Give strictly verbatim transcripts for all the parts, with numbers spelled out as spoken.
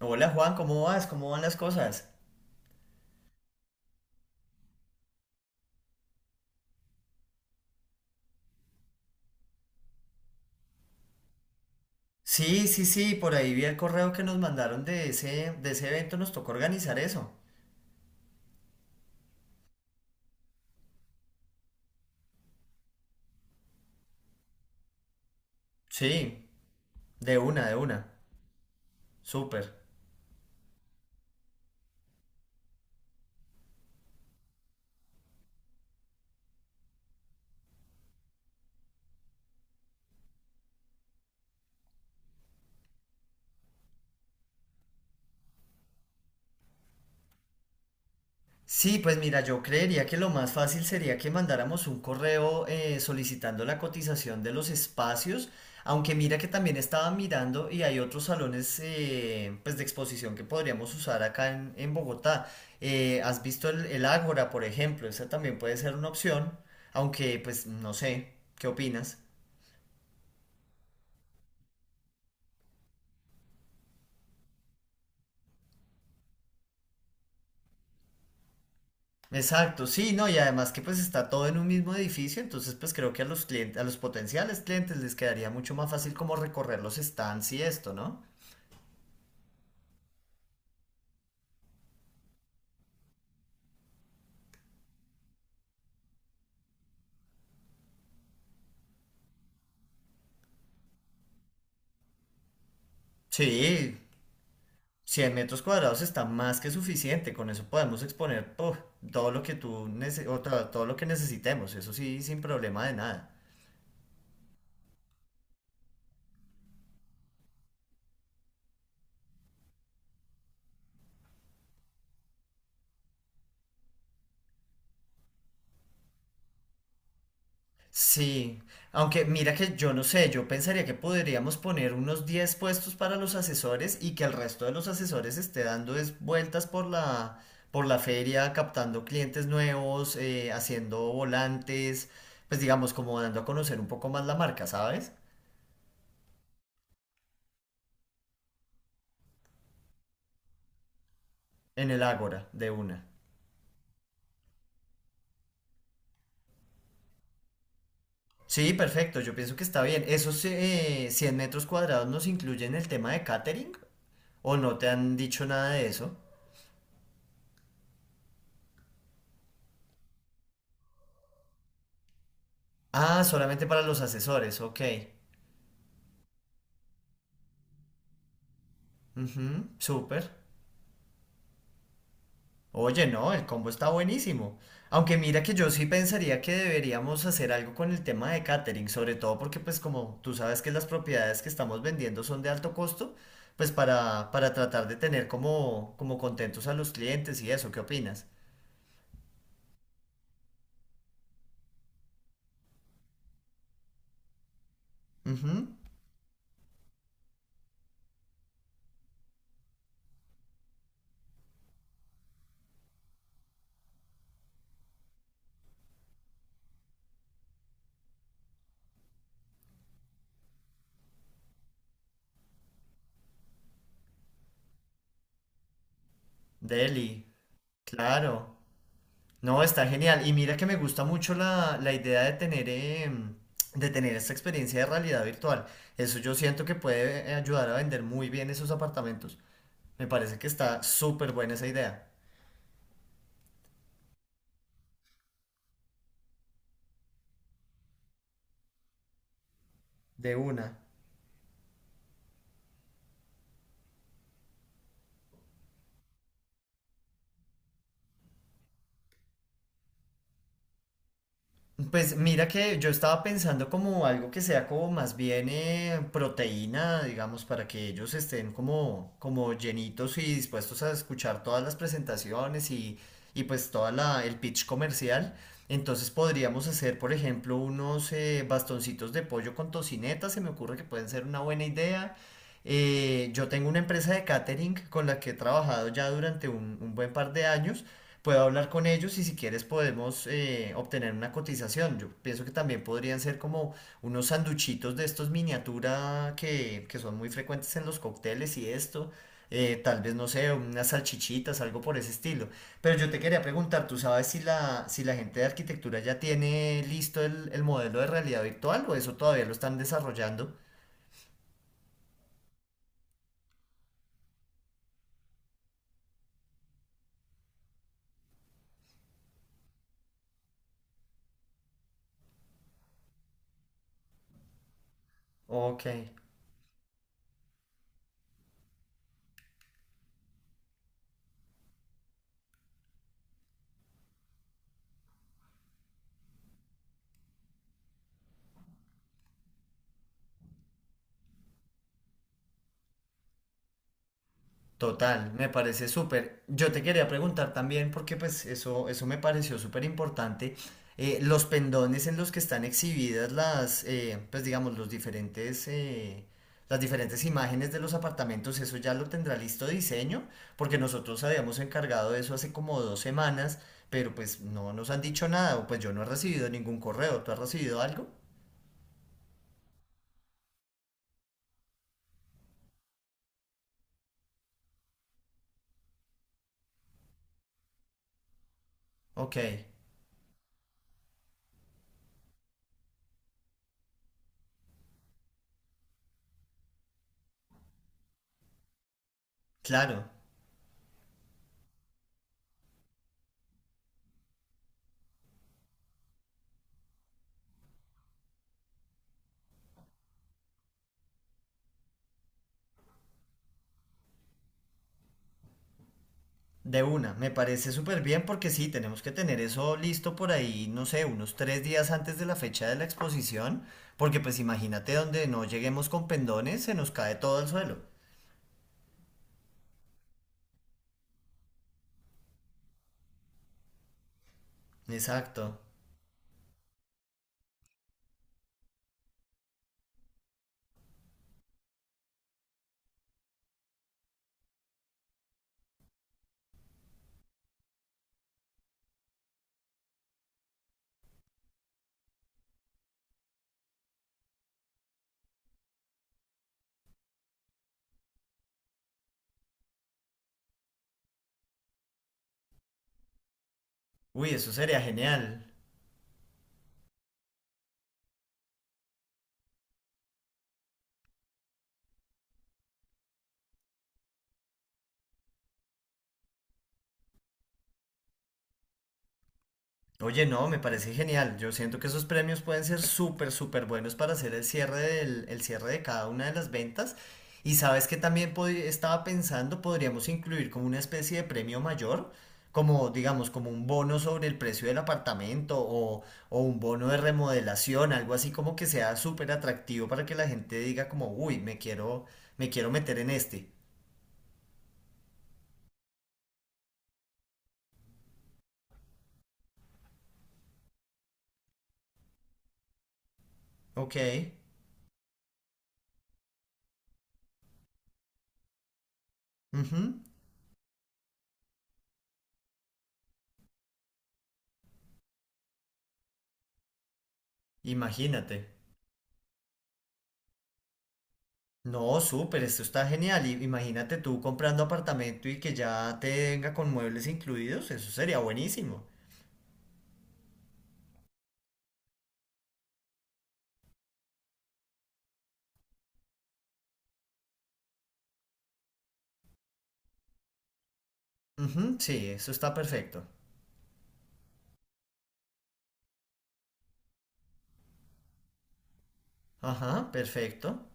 Hola Juan, ¿cómo vas? ¿Cómo van las cosas? Sí, sí, sí, por ahí vi el correo que nos mandaron de ese, de ese evento, nos tocó organizar eso. Sí, de una, de una. Súper. Sí, pues mira, yo creería que lo más fácil sería que mandáramos un correo eh, solicitando la cotización de los espacios, aunque mira que también estaba mirando y hay otros salones eh, pues de exposición que podríamos usar acá en, en Bogotá. Eh, ¿has visto el, el Ágora, por ejemplo? Esa también puede ser una opción, aunque pues no sé, ¿qué opinas? Exacto, sí, no, y además que pues está todo en un mismo edificio, entonces pues creo que a los clientes, a los potenciales clientes les quedaría mucho más fácil como recorrer los stands y esto, ¿no? Sí, cien metros cuadrados está más que suficiente. Con eso podemos exponer puf, todo lo que tú nece- o to- todo lo que necesitemos. Eso sí, sin problema de nada. Sí, aunque mira que yo no sé, yo pensaría que podríamos poner unos diez puestos para los asesores y que el resto de los asesores esté dando es vueltas por la, por la feria, captando clientes nuevos, eh, haciendo volantes, pues digamos como dando a conocer un poco más la marca, ¿sabes? En el Ágora, de una. Sí, perfecto, yo pienso que está bien. ¿Esos eh, cien metros cuadrados nos incluyen el tema de catering? ¿O no te han dicho nada de eso? Ah, solamente para los asesores, ok. Ujú, súper. Oye, no, el combo está buenísimo. Aunque mira que yo sí pensaría que deberíamos hacer algo con el tema de catering, sobre todo porque pues como tú sabes que las propiedades que estamos vendiendo son de alto costo, pues para, para tratar de tener como, como contentos a los clientes y eso, ¿qué opinas? Ujú, deli, claro. No, está genial. Y mira que me gusta mucho la, la idea de tener, em, de tener esta experiencia de realidad virtual. Eso yo siento que puede eh, ayudar a vender muy bien esos apartamentos. Me parece que está súper buena esa idea. De una. Pues mira que yo estaba pensando como algo que sea como más bien eh, proteína, digamos, para que ellos estén como, como llenitos y dispuestos a escuchar todas las presentaciones y, y pues toda la, el pitch comercial. Entonces podríamos hacer, por ejemplo, unos eh, bastoncitos de pollo con tocineta, se me ocurre que pueden ser una buena idea. Eh, yo tengo una empresa de catering con la que he trabajado ya durante un un buen par de años. Puedo hablar con ellos y si quieres podemos eh, obtener una cotización. Yo pienso que también podrían ser como unos sanduchitos de estos miniatura que, que son muy frecuentes en los cócteles y esto. Eh, tal vez, no sé, unas salchichitas, algo por ese estilo. Pero yo te quería preguntar, ¿tú sabes si la, si la gente de arquitectura ya tiene listo el, el modelo de realidad virtual o eso todavía lo están desarrollando? Ok. Total, me parece súper. Yo te quería preguntar también, porque pues eso, eso me pareció súper importante, eh, los pendones en los que están exhibidas las, eh, pues digamos, los diferentes, eh, las diferentes imágenes de los apartamentos, eso ya lo tendrá listo diseño, porque nosotros habíamos encargado de eso hace como dos semanas, pero pues no nos han dicho nada, o pues yo no he recibido ningún correo, ¿tú has recibido algo? Ok, claro. De una, me parece súper bien porque sí, tenemos que tener eso listo por ahí, no sé, unos tres días antes de la fecha de la exposición, porque pues imagínate donde no lleguemos con pendones, se nos cae todo al suelo. Exacto. Uy, eso sería genial. Oye, no, me parece genial. Yo siento que esos premios pueden ser súper, súper buenos para hacer el cierre del, el cierre de cada una de las ventas. Y sabes que también pod- estaba pensando, podríamos incluir como una especie de premio mayor, como digamos, como un bono sobre el precio del apartamento o, o un bono de remodelación, algo así como que sea súper atractivo para que la gente diga como, uy, me quiero, me quiero meter en este. Ok, ujú, imagínate. No, súper, esto está genial. Y imagínate tú comprando apartamento y que ya te venga con muebles incluidos, eso sería buenísimo. Ujú, sí, eso está perfecto. Ajá, perfecto.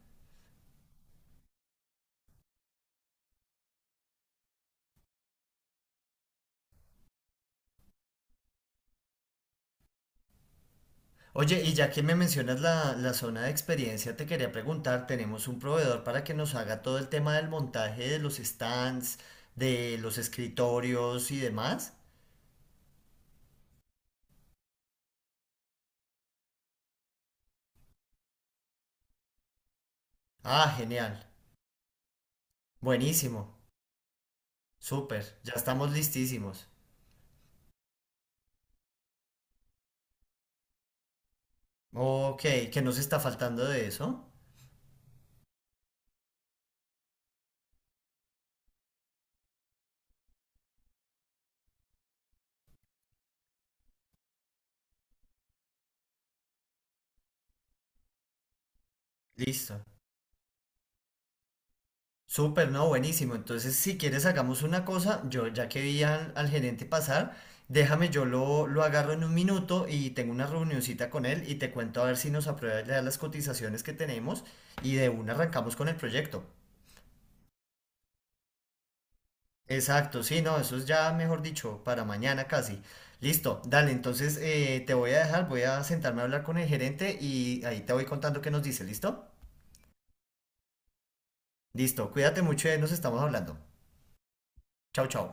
Oye, y ya que me mencionas la, la zona de experiencia, te quería preguntar, tenemos un proveedor para que nos haga todo el tema del montaje de los stands, de los escritorios y demás. Ah, genial. Buenísimo. Súper, ya estamos listísimos. Ok, ¿qué nos está faltando de eso? Listo. Súper, no, buenísimo. Entonces, si quieres, hagamos una cosa. Yo, ya que vi al, al gerente pasar, déjame, yo lo, lo agarro en un minuto y tengo una reunioncita con él y te cuento a ver si nos aprueba ya las cotizaciones que tenemos y de una arrancamos con el proyecto. Exacto, sí, no, eso es ya, mejor dicho, para mañana casi. Listo, dale, entonces eh, te voy a dejar, voy a sentarme a hablar con el gerente y ahí te voy contando qué nos dice, ¿listo? Listo, cuídate mucho y ahí nos estamos hablando. Chao, chao.